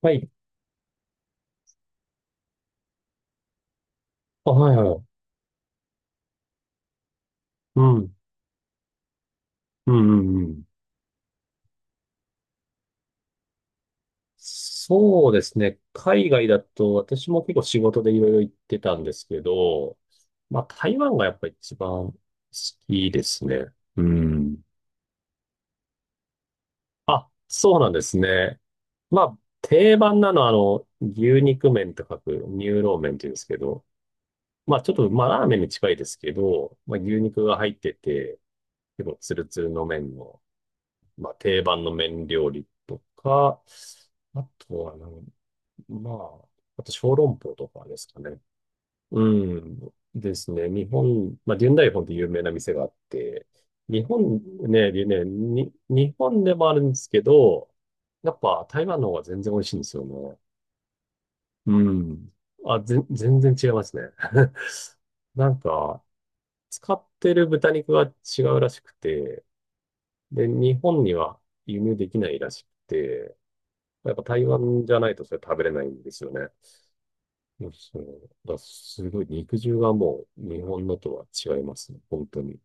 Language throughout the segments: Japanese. はい。あ、はいはい、うんうんうん。うん、そうですね。海外だと、私も結構仕事でいろいろ行ってたんですけど、まあ台湾がやっぱり一番好きですね。うん。あ、そうなんですね。まあ、定番なのは、あの、牛肉麺と書く、乳老麺って言うんですけど、まあちょっと、まあラーメンに近いですけど、まあ牛肉が入ってて、結構ツルツルの麺の、まあ、定番の麺料理とか、あとはなん、まあ、あと小籠包とかですかね。うん。ですね。日本、まあ、現代本で有名な店があって、日本ね、でね、に、日本でもあるんですけど、やっぱ台湾の方が全然美味しいんですよね。うん。あ、全然違いますね。なんか、使ってる豚肉が違うらしくて、で、日本には輸入できないらしくて、やっぱ台湾じゃないとそれ食べれないんですよね。そうそう。だからすごい肉汁はもう日本のとは違いますね。本当に。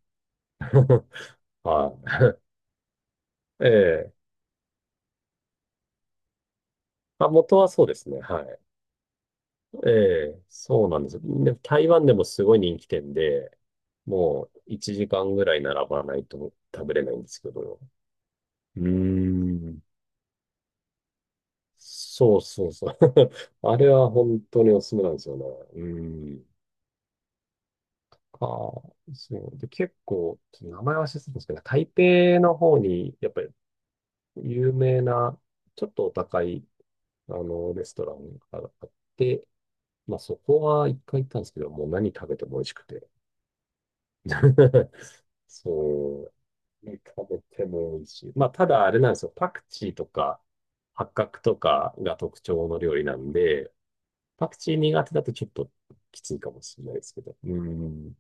はい。ええ。あ、元はそうですね。はい。ええ、そうなんです。で、台湾でもすごい人気店で、もう1時間ぐらい並ばないと食べれないんですけど。うーん。そうそうそう。あれは本当におすすめなんですよね。うーん。ああ、そう。で、結構、ちょっと名前は忘れてたんですけど、台北の方に、やっぱり有名な、ちょっとお高い、あの、レストランがあって、まあそこは一回行ったんですけど、もう何食べても美味しくて。そう。何食べても美味しい。まあただあれなんですよ。パクチーとか、八角とかが特徴の料理なんで、パクチー苦手だとちょっときついかもしれないですけど。うん。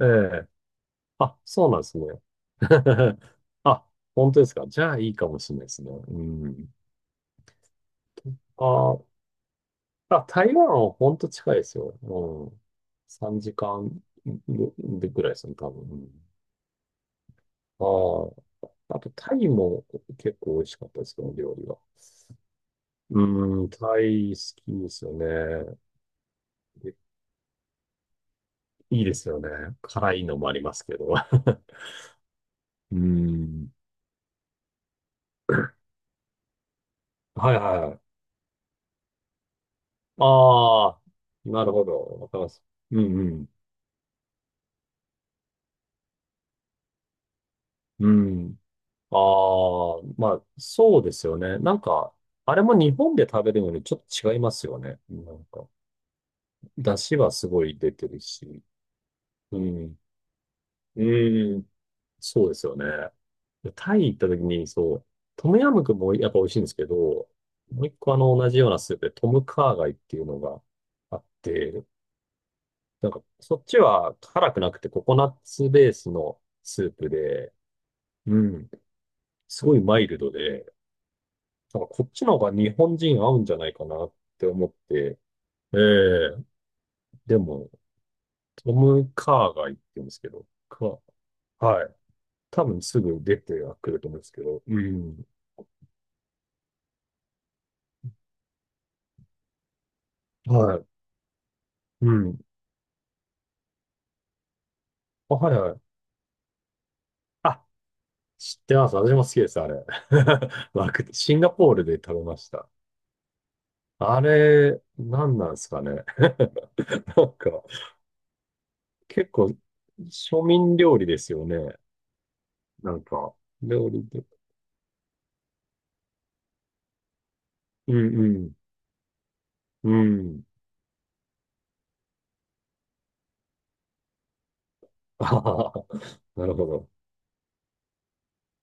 ええ、あ、そうなんですね。あ、本当ですか？じゃあいいかもしれないですね。うん。あー、あ、台湾は本当近いですよ。うん。3時間でぐらいですね、多分。うん。ああ、あとタイも結構美味しかったですけど、料理は。うん、タイ好きですよね。で、いいですよね。辛いのもありますけど。うん。はいはい。ああ、なるほど。わかります。うんうん。うん。ああ、まあ、そうですよね。なんか、あれも日本で食べるのにちょっと違いますよね。なんか、出汁はすごい出てるし。うん。うん。そうですよね。で、タイ行った時に、そう、トムヤムクンもやっぱ美味しいんですけど、もう一個あの同じようなスープでトムカーガイっていうのがあって、なんか、そっちは辛くなくてココナッツベースのスープで、うん。すごいマイルドで、なんかこっちの方が日本人合うんじゃないかなって思って、ええ、でも、トム・カーが言ってるんですけど、カー、はい。多分すぐ出てはくると思うんですけど、うん。はい。うん。あ、はいはい。あ、知ってます。私も好きです、あれ。わく、シンガポールで食べました。あれ、何なんですかね。なんか、結構、庶民料理ですよね。なんか、料理で。うんうん。うん。あはは、なるほど。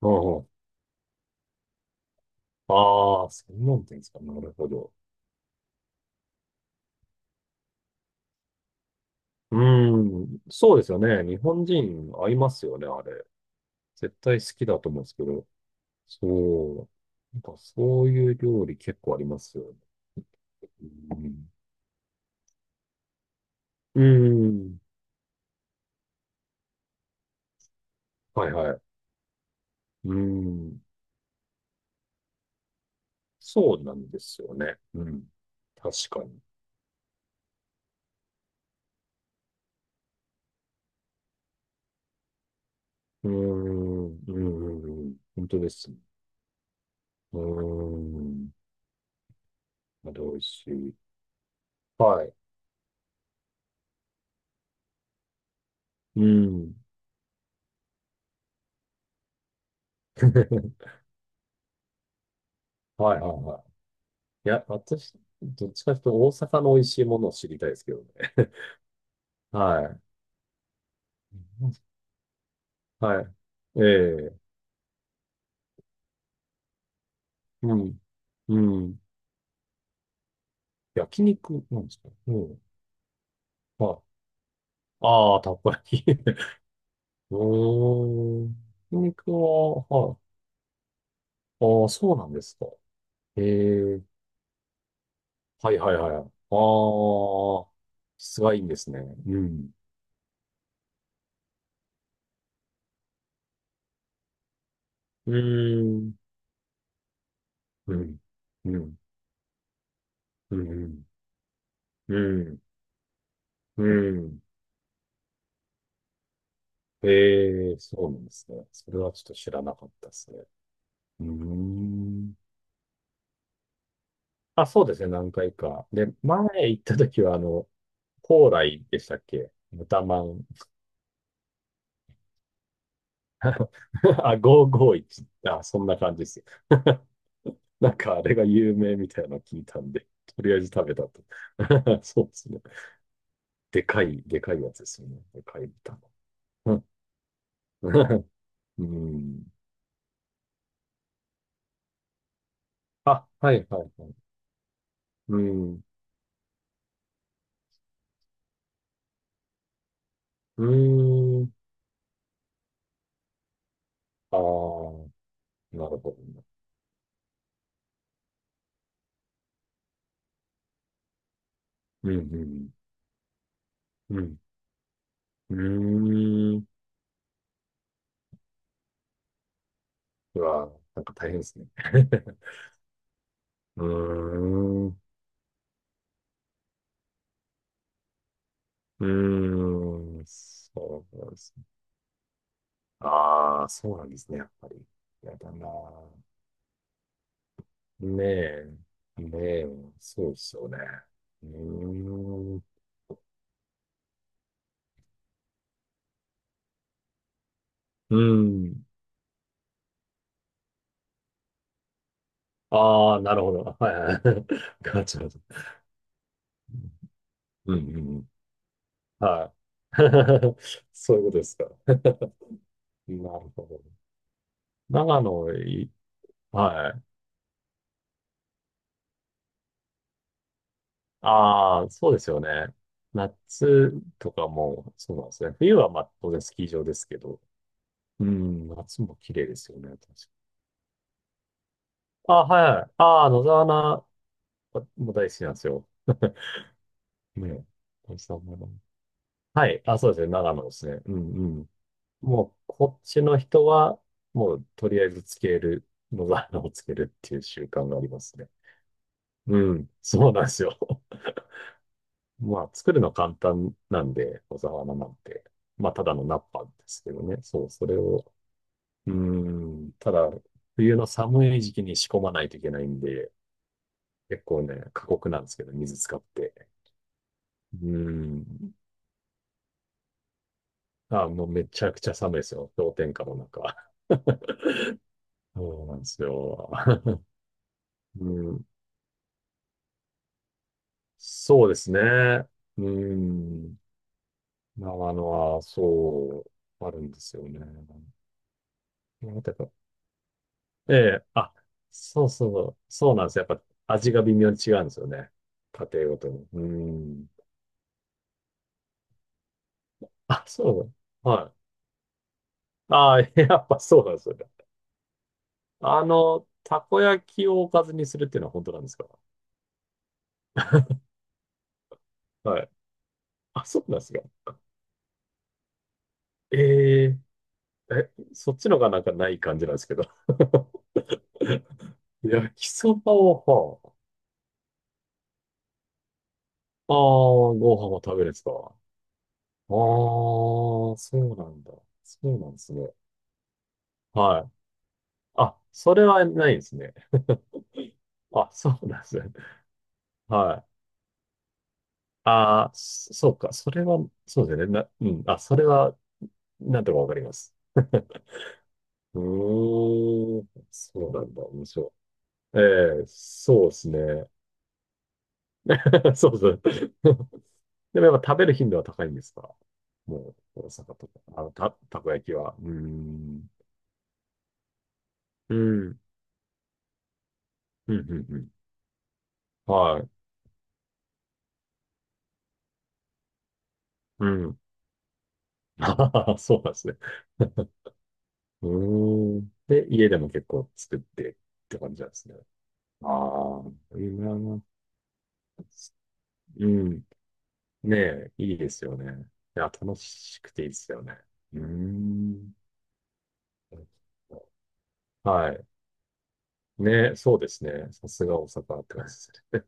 うんうん、ああ、専門店ですか。なるほど。うーん、そうですよね。日本人合いますよね、あれ。絶対好きだと思うんですけど。そう。なんかそういう料理結構ありますよね。うん。うーん。はいはい。うーん。そうなんですよね。うん。確かに。うーん。うんうんうん。本当ですね。うーん。まだ美味しい。はい。うん。はいはいはい。いや、私、どっちかというと大阪の美味しいものを知りたいですけどね。はい。はい。ええ、うん。うん。焼肉なんですか？うん。はい。ああ、たっぷり。うーん。焼肉は、はい。ああ、そうなんですか。ええ、はいはいはい。ああ、質がいいんですね。うん。うーん。うん。うん。うん。うん。うん。うん、ええ、そうなんですね。それはちょっと知らなかったですね。うーん。あ、そうですね、何回か。で、前行った時は、あの、高麗でしたっけ、豚まん。あ、551。あ、そんな感じですよ。なんかあれが有名みたいなの聞いたんで、とりあえず食べたと。そうですね。でかい、でかいやつですよね。でかい豚まん。うん。うん、あ、はいはいはい。うん。うーん。ああ。なるほどね。うん、うん、うん。うーん。うわ、なんか大変ですね。うーん。うーん。そうなんですね。ああ、そうなんですね、やっぱり。やだなぁ。ねえ。ねえ。そうですよね。うーん。うん。ああ、なるほど。はいはい。ガチャガチャ。うんうんうん。はい。そういうことですか？なるほど。長野、はい。ああ、そうですよね。夏とかも、そうなんですね。冬はまあ当然スキー場ですけど、うん、夏も綺麗ですよね。確か。あ あ、はい。ああ、野沢菜も大好きなんですよ。ねえ、野沢菜も。はい。あ、そうですね。長野ですね。うんうん。もう、こっちの人は、もう、とりあえずつける、野沢菜をつけるっていう習慣がありますね。うん。そうなんですよ。まあ、作るの簡単なんで、小沢菜なんて。まあ、ただの菜っぱですけどね。そう、それを、うーん、ただ、冬の寒い時期に仕込まないといけないんで、結構ね、過酷なんですけど、水使って。うーん。あ、もうめちゃくちゃ寒いですよ。氷点下の中。そうなんですよ。うん、そうですね。うん。長野は、そう、あるんですよね。やっぱ、ええ、あ、そうそうそう、そうなんですよ。やっぱ味が微妙に違うんですよね。家庭ごとに。うん。あ、そうだ。はい。ああ、やっぱそうなんですよね。あの、たこ焼きをおかずにするっていうのは本当なんですか？はい。あ、そうなんですか。ええ、え、そっちのがなんかない感じなんですけど。焼きそばを、はあ、ああ、ご飯を食べるんですか？ああ、そうなんだ。そうなんですね。はい。あ、それはないですね。あ、そうなんですね。はい。ああ、そ、そうか。それは、そうですよね。うん。あ、それは、なんとかわかります。うーん。そうなんだ。面白い。ええ、そうですね。そうですね。でもやっぱ食べる頻度は高いんですか？もう、大阪とか。あの、たこ焼きは。うーん。うん。うん、うん、うん。はい。うん。ああ、そうなんですね。うーん。で、家でも結構作ってって感じなんですね。ああ、今の、うん。ねえ、いいですよね。いや、楽しくていいですよね。うーん。はい。ね、そうですね。さすが大阪って感じです